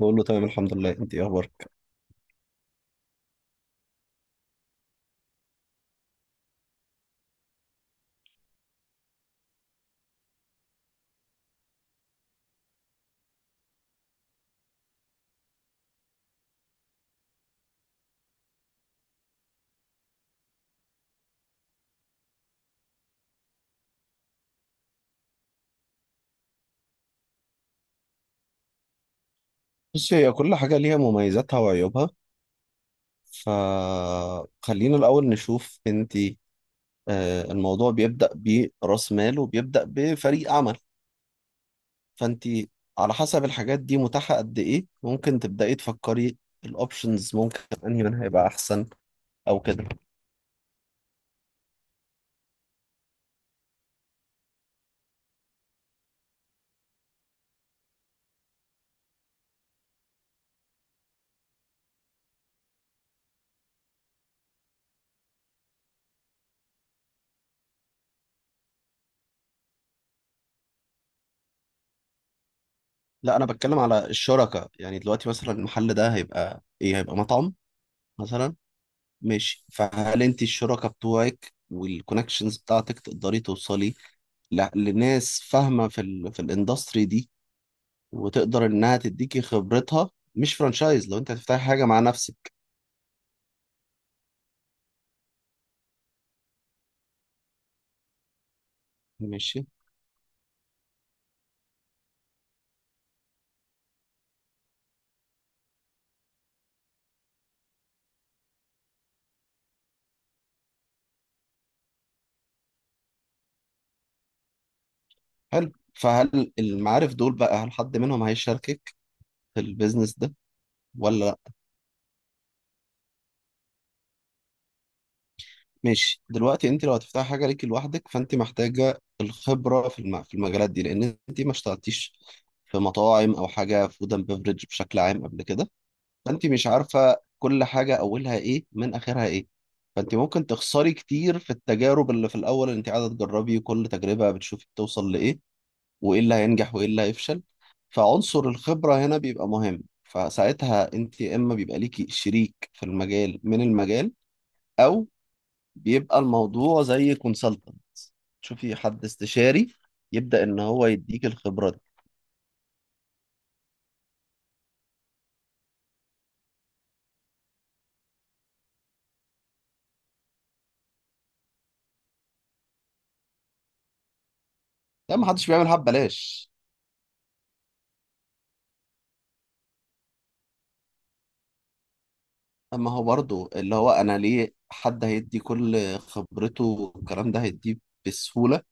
بقول له تمام، الحمد لله. انت ايه اخبارك؟ بص، هي كل حاجه ليها مميزاتها وعيوبها. فخلينا الاول نشوف انت. الموضوع بيبدا براس مال وبيبدا بفريق عمل. فانت على حسب الحاجات دي متاحه قد ايه، ممكن تبداي تفكري الاوبشنز، ممكن انهي منها هيبقى احسن او كده. لا، انا بتكلم على الشركه. يعني دلوقتي مثلا المحل ده هيبقى ايه، هيبقى مطعم مثلا. ماشي. فهل انت الشركاء بتوعك والكونكشنز بتاعتك تقدري توصلي لناس فاهمه في الاندستري دي، وتقدر انها تديكي خبرتها، مش فرانشايز، لو انت هتفتحي حاجه مع نفسك. ماشي، حلو. فهل المعارف دول بقى، هل حد منهم هيشاركك في البيزنس ده ولا لا؟ ماشي. دلوقتي انت لو هتفتحي حاجه ليكي لوحدك، فانت محتاجه الخبره في المجالات دي، لان انت ما اشتغلتيش في مطاعم او حاجه فود اند بيفرج بشكل عام قبل كده. فانت مش عارفه كل حاجه اولها ايه من اخرها ايه. فانت ممكن تخسري كتير في التجارب اللي في الاول، اللي انت قاعده تجربي كل تجربه بتشوفي بتوصل لايه، وايه اللي هينجح وايه اللي هيفشل. فعنصر الخبره هنا بيبقى مهم. فساعتها انت يا اما بيبقى ليكي شريك في المجال من المجال، او بيبقى الموضوع زي كونسلتنت، تشوفي حد استشاري يبدا ان هو يديك الخبره دي. ده ما حدش بيعملها ببلاش. اما هو برضه، اللي هو انا ليه حد هيدي كل خبرته والكلام ده هيديه بسهولة؟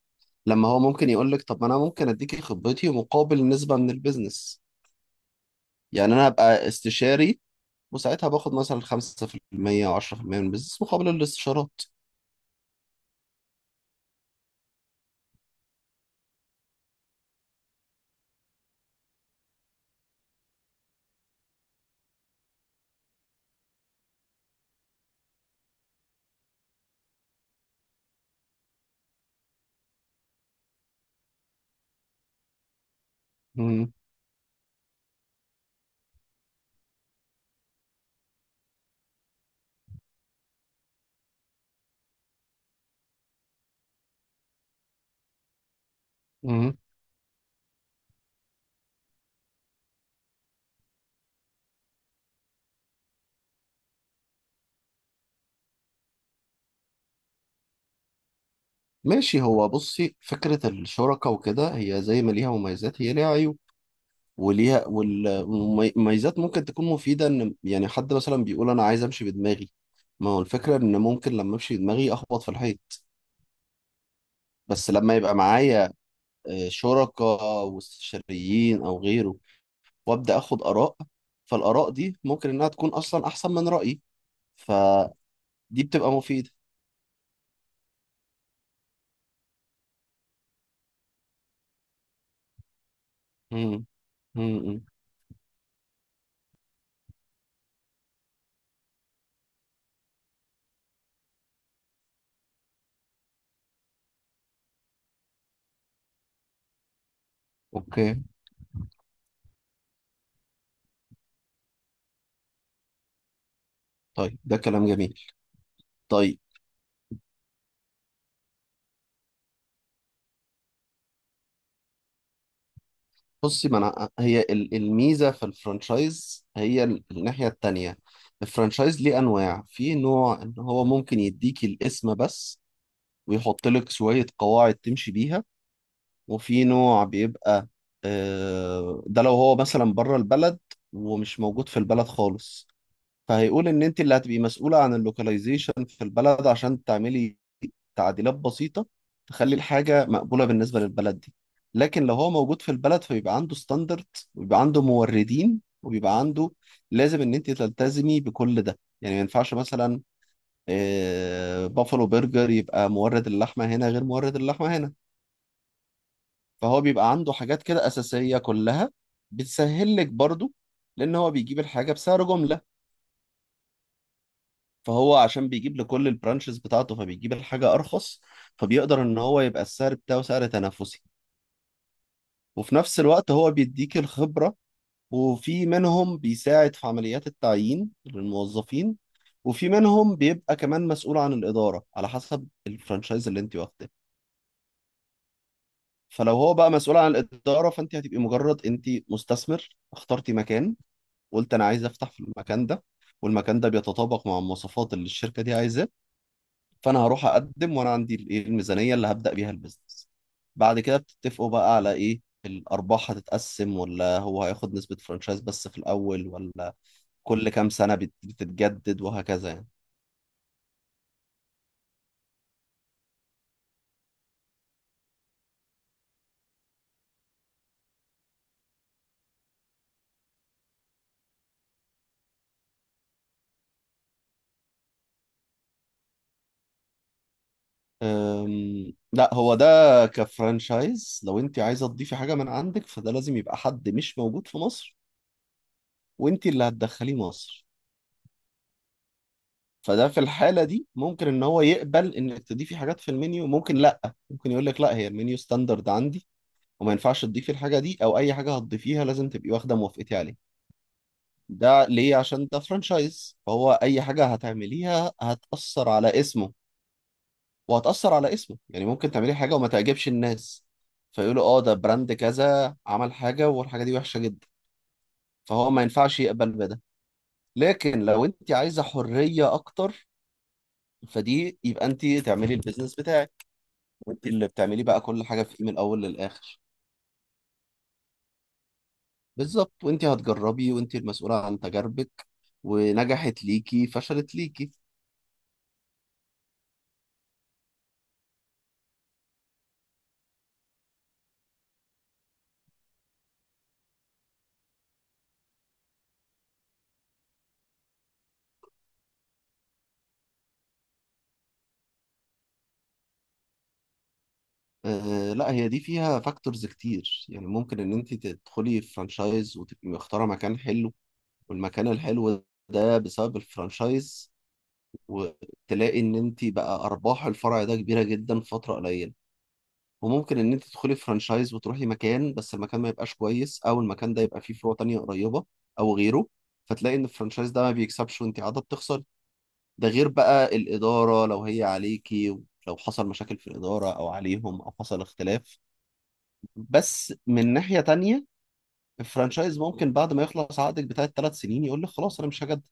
لما هو ممكن يقول لك طب ما انا ممكن اديكي خبرتي مقابل نسبة من البيزنس. يعني انا ابقى استشاري، وساعتها باخد مثلا 5% او 10% من البيزنس مقابل الاستشارات. مم. مم. ماشي. بصي، فكرة الشركة وكده، هي زي ما ليها مميزات هي ليها عيوب. والمميزات ممكن تكون مفيدة، ان يعني حد مثلا بيقول انا عايز امشي بدماغي. ما هو الفكرة ان ممكن لما امشي بدماغي اخبط في الحيط. بس لما يبقى معايا شركاء واستشاريين او غيره، وابدا اخد اراء، فالاراء دي ممكن انها تكون اصلا احسن من رايي. فدي بتبقى مفيدة. امم امم امم. اوكي، طيب، ده كلام جميل. طيب، بصي، ما انا هي الميزه في الفرانشايز هي الناحيه التانية. الفرانشايز ليه انواع. في نوع ان هو ممكن يديك الاسم بس، ويحط لك شويه قواعد تمشي بيها. وفي نوع بيبقى ده لو هو مثلا بره البلد ومش موجود في البلد خالص، فهيقول ان انت اللي هتبقي مسؤولة عن اللوكاليزيشن في البلد، عشان تعملي تعديلات بسيطة تخلي الحاجة مقبولة بالنسبة للبلد دي. لكن لو هو موجود في البلد، فبيبقى عنده ستاندرد، ويبقى عنده موردين، وبيبقى عنده، لازم ان انت تلتزمي بكل ده. يعني ما ينفعش مثلا بافلو برجر يبقى مورد اللحمة هنا غير مورد اللحمة هنا. فهو بيبقى عنده حاجات كده أساسية كلها، بتسهل لك برضو، لأن هو بيجيب الحاجة بسعر جملة. فهو عشان بيجيب لكل البرانشز بتاعته، فبيجيب الحاجة أرخص، فبيقدر إن هو يبقى السعر بتاعه سعر تنافسي. وفي نفس الوقت هو بيديك الخبرة. وفي منهم بيساعد في عمليات التعيين للموظفين، وفي منهم بيبقى كمان مسؤول عن الإدارة على حسب الفرانشايز اللي أنت واخده. فلو هو بقى مسؤول عن الإدارة، فأنت هتبقي مجرد أنت مستثمر اخترتي مكان، قلت أنا عايز أفتح في المكان ده، والمكان ده بيتطابق مع المواصفات اللي الشركة دي عايزاه. فانا هروح اقدم وانا عندي الايه الميزانيه اللي هبدا بيها البيزنس. بعد كده بتتفقوا بقى على ايه، الارباح هتتقسم ولا هو هياخد نسبه فرانشايز بس في الاول، ولا كل كام سنه بتتجدد وهكذا يعني. لا هو ده كفرانشايز. لو انت عايزه تضيفي حاجه من عندك، فده لازم يبقى حد مش موجود في مصر، وانت اللي هتدخليه مصر. فده في الحاله دي ممكن ان هو يقبل انك تضيفي حاجات في المنيو، ممكن لا، ممكن يقول لك لا، هي المنيو ستاندرد عندي، وما ينفعش تضيفي الحاجة دي، أو أي حاجة هتضيفيها لازم تبقي واخدة موافقتي عليه. ده ليه؟ عشان ده فرانشايز، فهو أي حاجة هتعمليها هتأثر على اسمه. وهتأثر على اسمه. يعني ممكن تعملي حاجة وما تعجبش الناس، فيقولوا اه ده براند كذا عمل حاجة والحاجة دي وحشة جدا. فهو ما ينفعش يقبل بده. لكن لو انت عايزة حرية أكتر، فدي يبقى انت تعملي البيزنس بتاعك، وانت اللي بتعملي بقى كل حاجة فيه من الأول للآخر. بالظبط. وانت هتجربي وانت المسؤولة عن تجاربك، ونجحت ليكي فشلت ليكي. لا، هي دي فيها فاكتورز كتير. يعني ممكن ان انت تدخلي فرانشايز وتبقي مختاره مكان حلو، والمكان الحلو ده بسبب الفرانشايز، وتلاقي ان انت بقى ارباح الفرع ده كبيره جدا في فتره قليله. وممكن ان انت تدخلي فرانشايز وتروحي مكان بس المكان ما يبقاش كويس، او المكان ده يبقى فيه فروع تانية قريبه او غيره، فتلاقي ان الفرانشايز ده ما بيكسبش وانت قاعده بتخسري. ده غير بقى الإدارة، لو هي عليكي لو حصل مشاكل في الإدارة، أو عليهم، أو حصل اختلاف. بس من ناحية تانية، الفرانشايز ممكن بعد ما يخلص عقدك بتاع ال3 سنين يقول لك خلاص أنا مش هجدد.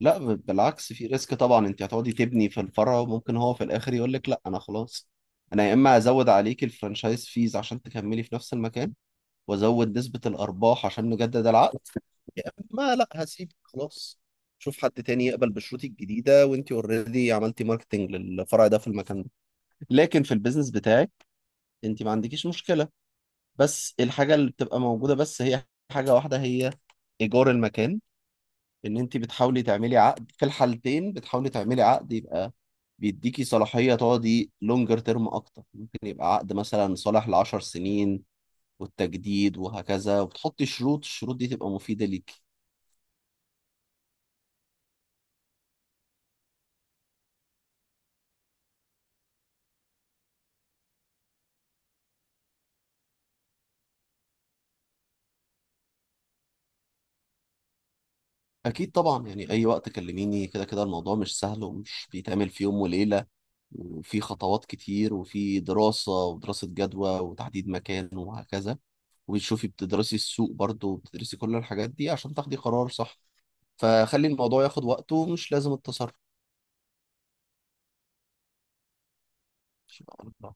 لا، بالعكس في ريسك طبعا. أنت هتقعدي تبني في الفرع وممكن هو في الآخر يقول لك لا أنا خلاص. أنا يا إما هزود عليك الفرانشايز فيز عشان تكملي في نفس المكان، وازود نسبة الارباح عشان نجدد العقد، يا اما لا، هسيب خلاص، شوف حد تاني يقبل بشروطي الجديدة، وانت اوريدي عملتي ماركتنج للفرع ده في المكان ده. لكن في البيزنس بتاعك، انت ما عندكيش مشكلة. بس الحاجة اللي بتبقى موجودة بس، هي حاجة واحدة، هي ايجار المكان. ان انت بتحاولي تعملي عقد، في الحالتين بتحاولي تعملي عقد يبقى بيديكي صلاحية تقعدي لونجر تيرم اكتر، ممكن يبقى عقد مثلا صالح ل 10 سنين، والتجديد وهكذا، وبتحطي شروط، الشروط دي تبقى مفيدة ليك. أكيد طبعا. يعني أي وقت كلميني، كده كده الموضوع مش سهل ومش بيتعمل في يوم وليلة. وفي خطوات كتير، وفي دراسة ودراسة جدوى وتحديد مكان وهكذا. وبتشوفي بتدرسي السوق برضه، وبتدرسي كل الحاجات دي عشان تاخدي قرار صح. فخلي الموضوع ياخد وقته، ومش لازم التسرع.